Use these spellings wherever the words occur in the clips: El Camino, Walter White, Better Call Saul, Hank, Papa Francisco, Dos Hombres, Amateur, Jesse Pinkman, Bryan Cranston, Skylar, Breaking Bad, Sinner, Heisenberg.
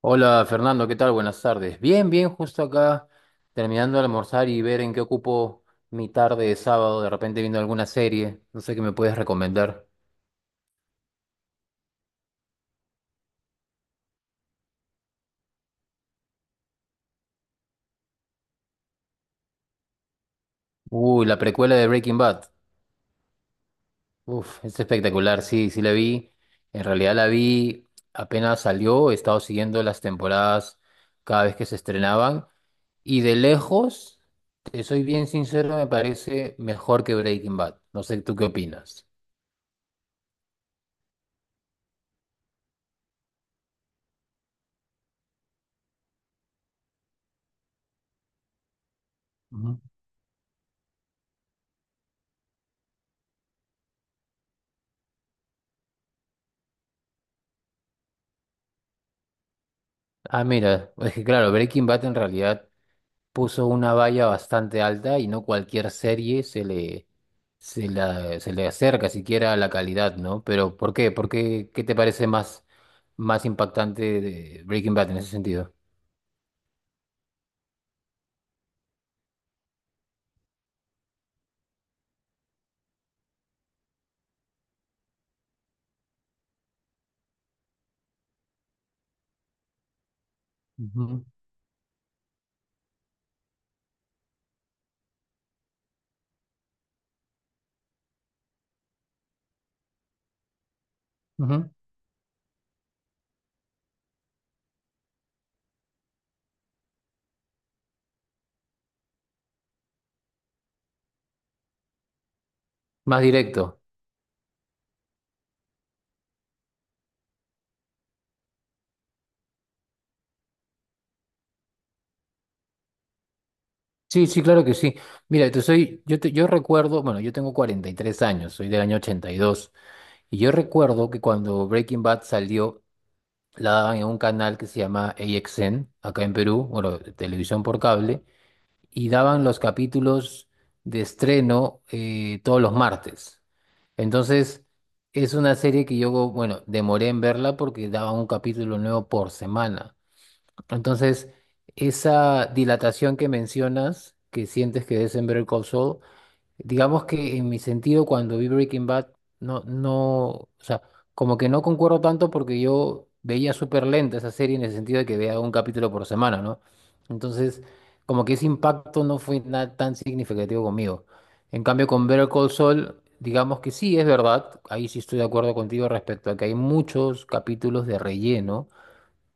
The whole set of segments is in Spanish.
Hola Fernando, ¿qué tal? Buenas tardes. Bien, bien, justo acá terminando de almorzar y ver en qué ocupo mi tarde de sábado, de repente viendo alguna serie, no sé qué me puedes recomendar. Uy, la precuela de Breaking Bad. Uf, es espectacular, sí, sí la vi. En realidad la vi apenas salió, he estado siguiendo las temporadas cada vez que se estrenaban y de lejos, te soy bien sincero, me parece mejor que Breaking Bad. No sé tú qué opinas. Ah, mira, es que claro, Breaking Bad en realidad puso una valla bastante alta y no cualquier serie se le acerca siquiera a la calidad, ¿no? Pero ¿por qué? ¿Qué te parece más impactante de Breaking Bad en ese sentido? Ujú, ujú. Más directo. Sí, sí, claro que sí. Mira, te soy, yo, te- yo recuerdo, bueno, yo tengo 43 años, soy del año 82 y yo recuerdo que cuando Breaking Bad salió, la daban en un canal que se llama AXN, acá en Perú, bueno, televisión por cable, y daban los capítulos de estreno todos los martes. Entonces, es una serie que yo, bueno, demoré en verla porque daban un capítulo nuevo por semana. Entonces, esa dilatación que mencionas, que sientes que es en Better Call Saul, digamos que en mi sentido, cuando vi Breaking Bad, no, no, o sea, como que no concuerdo tanto porque yo veía súper lenta esa serie en el sentido de que veía un capítulo por semana, ¿no? Entonces, como que ese impacto no fue nada tan significativo conmigo. En cambio, con Better Call Saul, digamos que sí, es verdad, ahí sí estoy de acuerdo contigo respecto a que hay muchos capítulos de relleno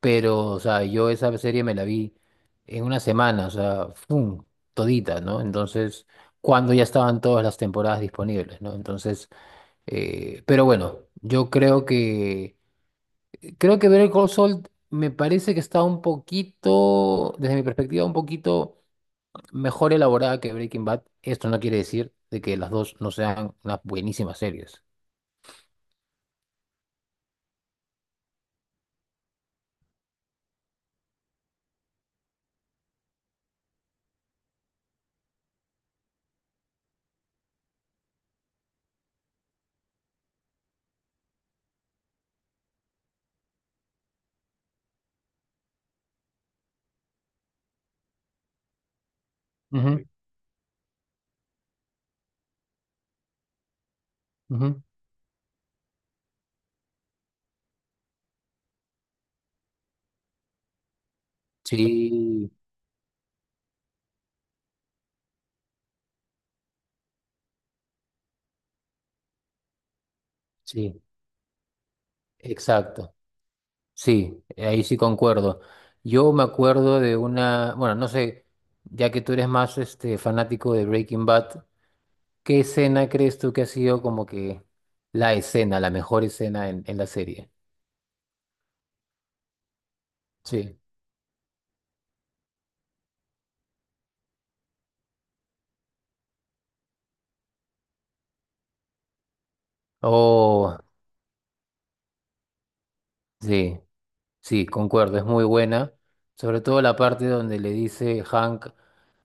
pero, o sea, yo esa serie me la vi en una semana, o sea, ¡fum! Todita, ¿no? Entonces, cuando ya estaban todas las temporadas disponibles, ¿no? Entonces, pero bueno, creo que Better Call Saul me parece que está un poquito, desde mi perspectiva, un poquito mejor elaborada que Breaking Bad. Esto no quiere decir de que las dos no sean unas buenísimas series. Ujú, ujú. Sí, sí, exacto. Sí, ahí sí concuerdo. Yo me acuerdo de una, bueno, no sé, ya que tú eres más este fanático de Breaking Bad, ¿qué escena crees tú que ha sido como que la mejor escena en la serie? Sí. Oh, sí. Sí, concuerdo, es muy buena. Sobre todo la parte donde le dice Hank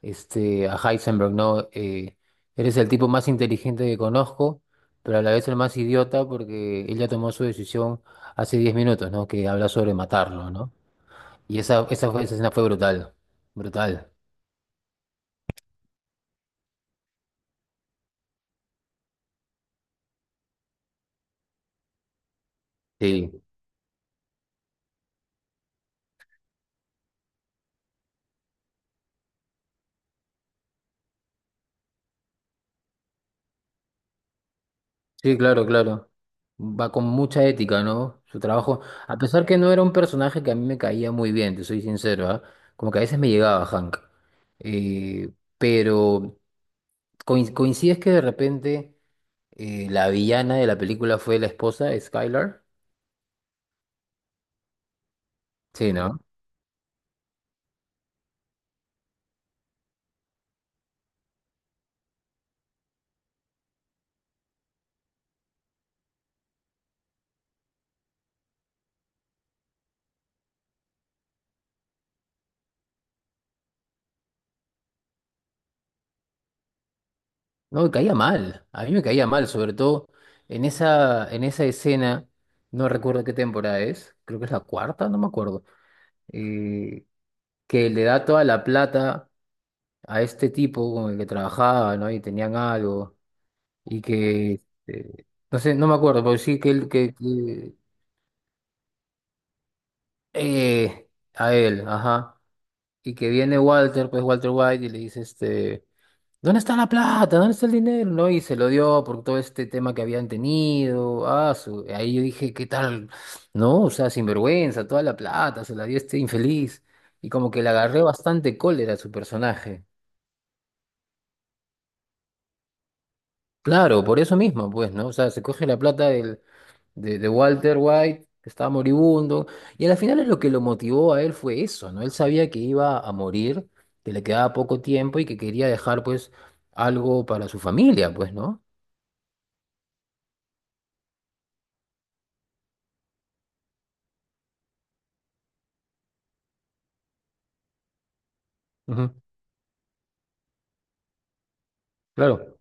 este, a Heisenberg, ¿no? Eres el tipo más inteligente que conozco, pero a la vez el más idiota porque ella tomó su decisión hace 10 minutos, ¿no? Que habla sobre matarlo, ¿no? Y esa escena fue brutal, brutal. Sí. Sí, claro, claro. Va con mucha ética, ¿no? Su trabajo, a pesar que no era un personaje que a mí me caía muy bien, te soy sincero, ¿ah? Como que a veces me llegaba Hank. Eh, pero coincides que de repente la villana de la película fue la esposa, Skylar. Sí, ¿no? No, me caía mal. A mí me caía mal, sobre todo en esa escena, no recuerdo qué temporada es, creo que es la cuarta, no me acuerdo, eh, que le da toda la plata a este tipo con el que trabajaba, ¿no? Y tenían algo, y que, este, no sé, no me acuerdo, pero sí que eh, a él, ajá, y que viene Walter White, y le dice, este, ¿dónde está la plata? ¿Dónde está el dinero? ¿No? Y se lo dio por todo este tema que habían tenido, ah, ahí yo dije, ¿qué tal? No, o sea, sinvergüenza, toda la plata, se la dio este infeliz, y como que le agarré bastante cólera a su personaje. Claro, por eso mismo, pues, ¿no? O sea, se coge la plata de Walter White, que estaba moribundo, y a la final es lo que lo motivó a él fue eso, ¿no? Él sabía que iba a morir, que le quedaba poco tiempo y que quería dejar, pues, algo para su familia, pues, ¿no? Ujú, claro.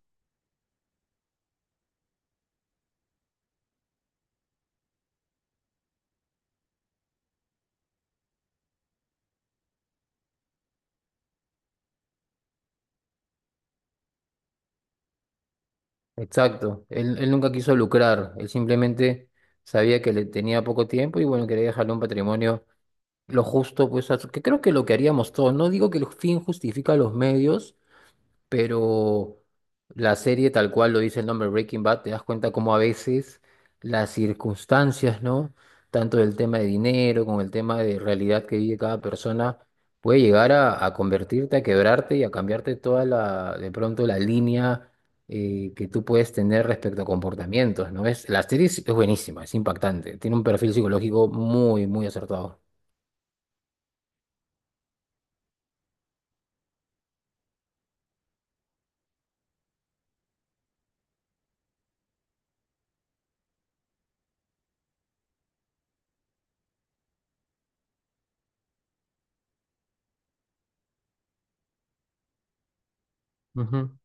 Exacto, él nunca quiso lucrar, él simplemente sabía que le tenía poco tiempo y bueno, quería dejarle un patrimonio lo justo, pues, a que creo que lo que haríamos todos, no digo que el fin justifica los medios, pero la serie tal cual lo dice el nombre Breaking Bad, te das cuenta cómo a veces las circunstancias, ¿no? Tanto del tema de dinero, con el tema de realidad que vive cada persona, puede llegar a convertirte, a quebrarte y a cambiarte toda la, de pronto la línea que tú puedes tener respecto a comportamientos, ¿no? Es, la serie es buenísima, es impactante, tiene un perfil psicológico muy, muy acertado. Ujú.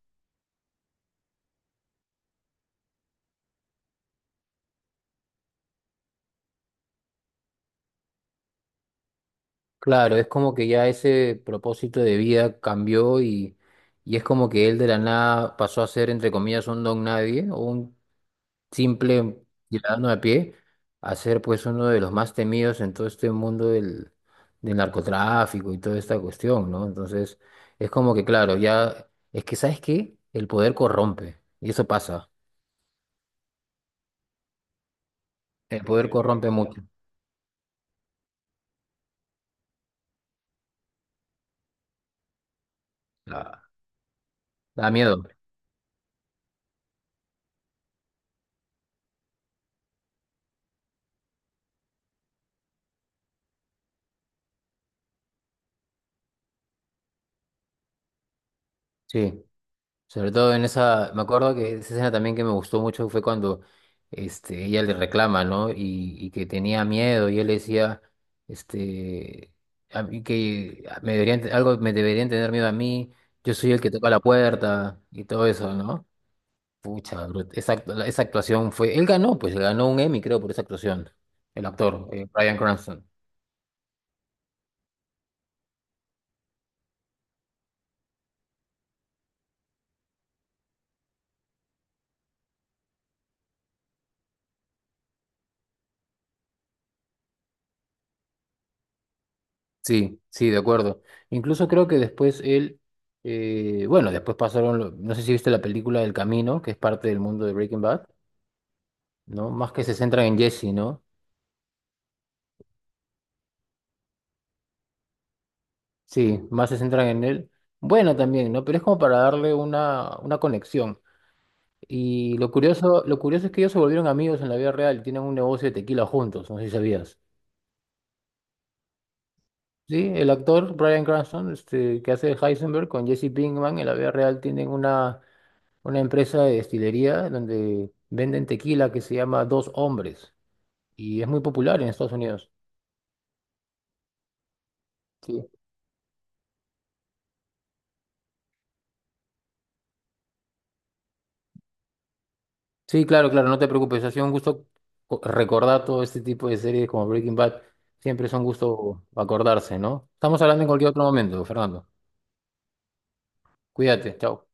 Claro, es como que ya ese propósito de vida cambió y es como que él de la nada pasó a ser, entre comillas, un don nadie o un simple ciudadano a pie, a ser pues uno de los más temidos en todo este mundo del, del narcotráfico y toda esta cuestión, ¿no? Entonces, es como que, claro, ya, es que, ¿sabes qué? El poder corrompe y eso pasa. El poder corrompe mucho. da Da miedo, sí. Sobre todo en esa, me acuerdo que esa escena también que me gustó mucho fue cuando este, ella le reclama, ¿no? Y que tenía miedo y él le decía, este, a mí que me deberían, algo me deberían tener miedo a mí, yo soy el que toca la puerta y todo eso, ¿no? Pucha, bro, esa actuación fue, él ganó, pues ganó un Emmy, creo, por esa actuación, el actor, Bryan Cranston. Sí, sí, de acuerdo. Incluso creo que después él, bueno, después pasaron, no sé si viste la película del Camino, que es parte del mundo de Breaking Bad, ¿no? Más que se centran en Jesse, ¿no? Sí, más se centran en él. Bueno, también, ¿no? Pero es como para darle una conexión. Y lo curioso es que ellos se volvieron amigos en la vida real, tienen un negocio de tequila juntos, no sé si sabías. Sí, el actor Bryan Cranston, este, que hace de Heisenberg con Jesse Pinkman en la vida real tienen una empresa de destilería donde venden tequila que se llama Dos Hombres y es muy popular en Estados Unidos. Sí. Sí, claro, claro, no te preocupes, ha sido un gusto recordar todo este tipo de series como Breaking Bad. Siempre es un gusto acordarse, ¿no? Estamos hablando en cualquier otro momento, Fernando. Cuídate, chao.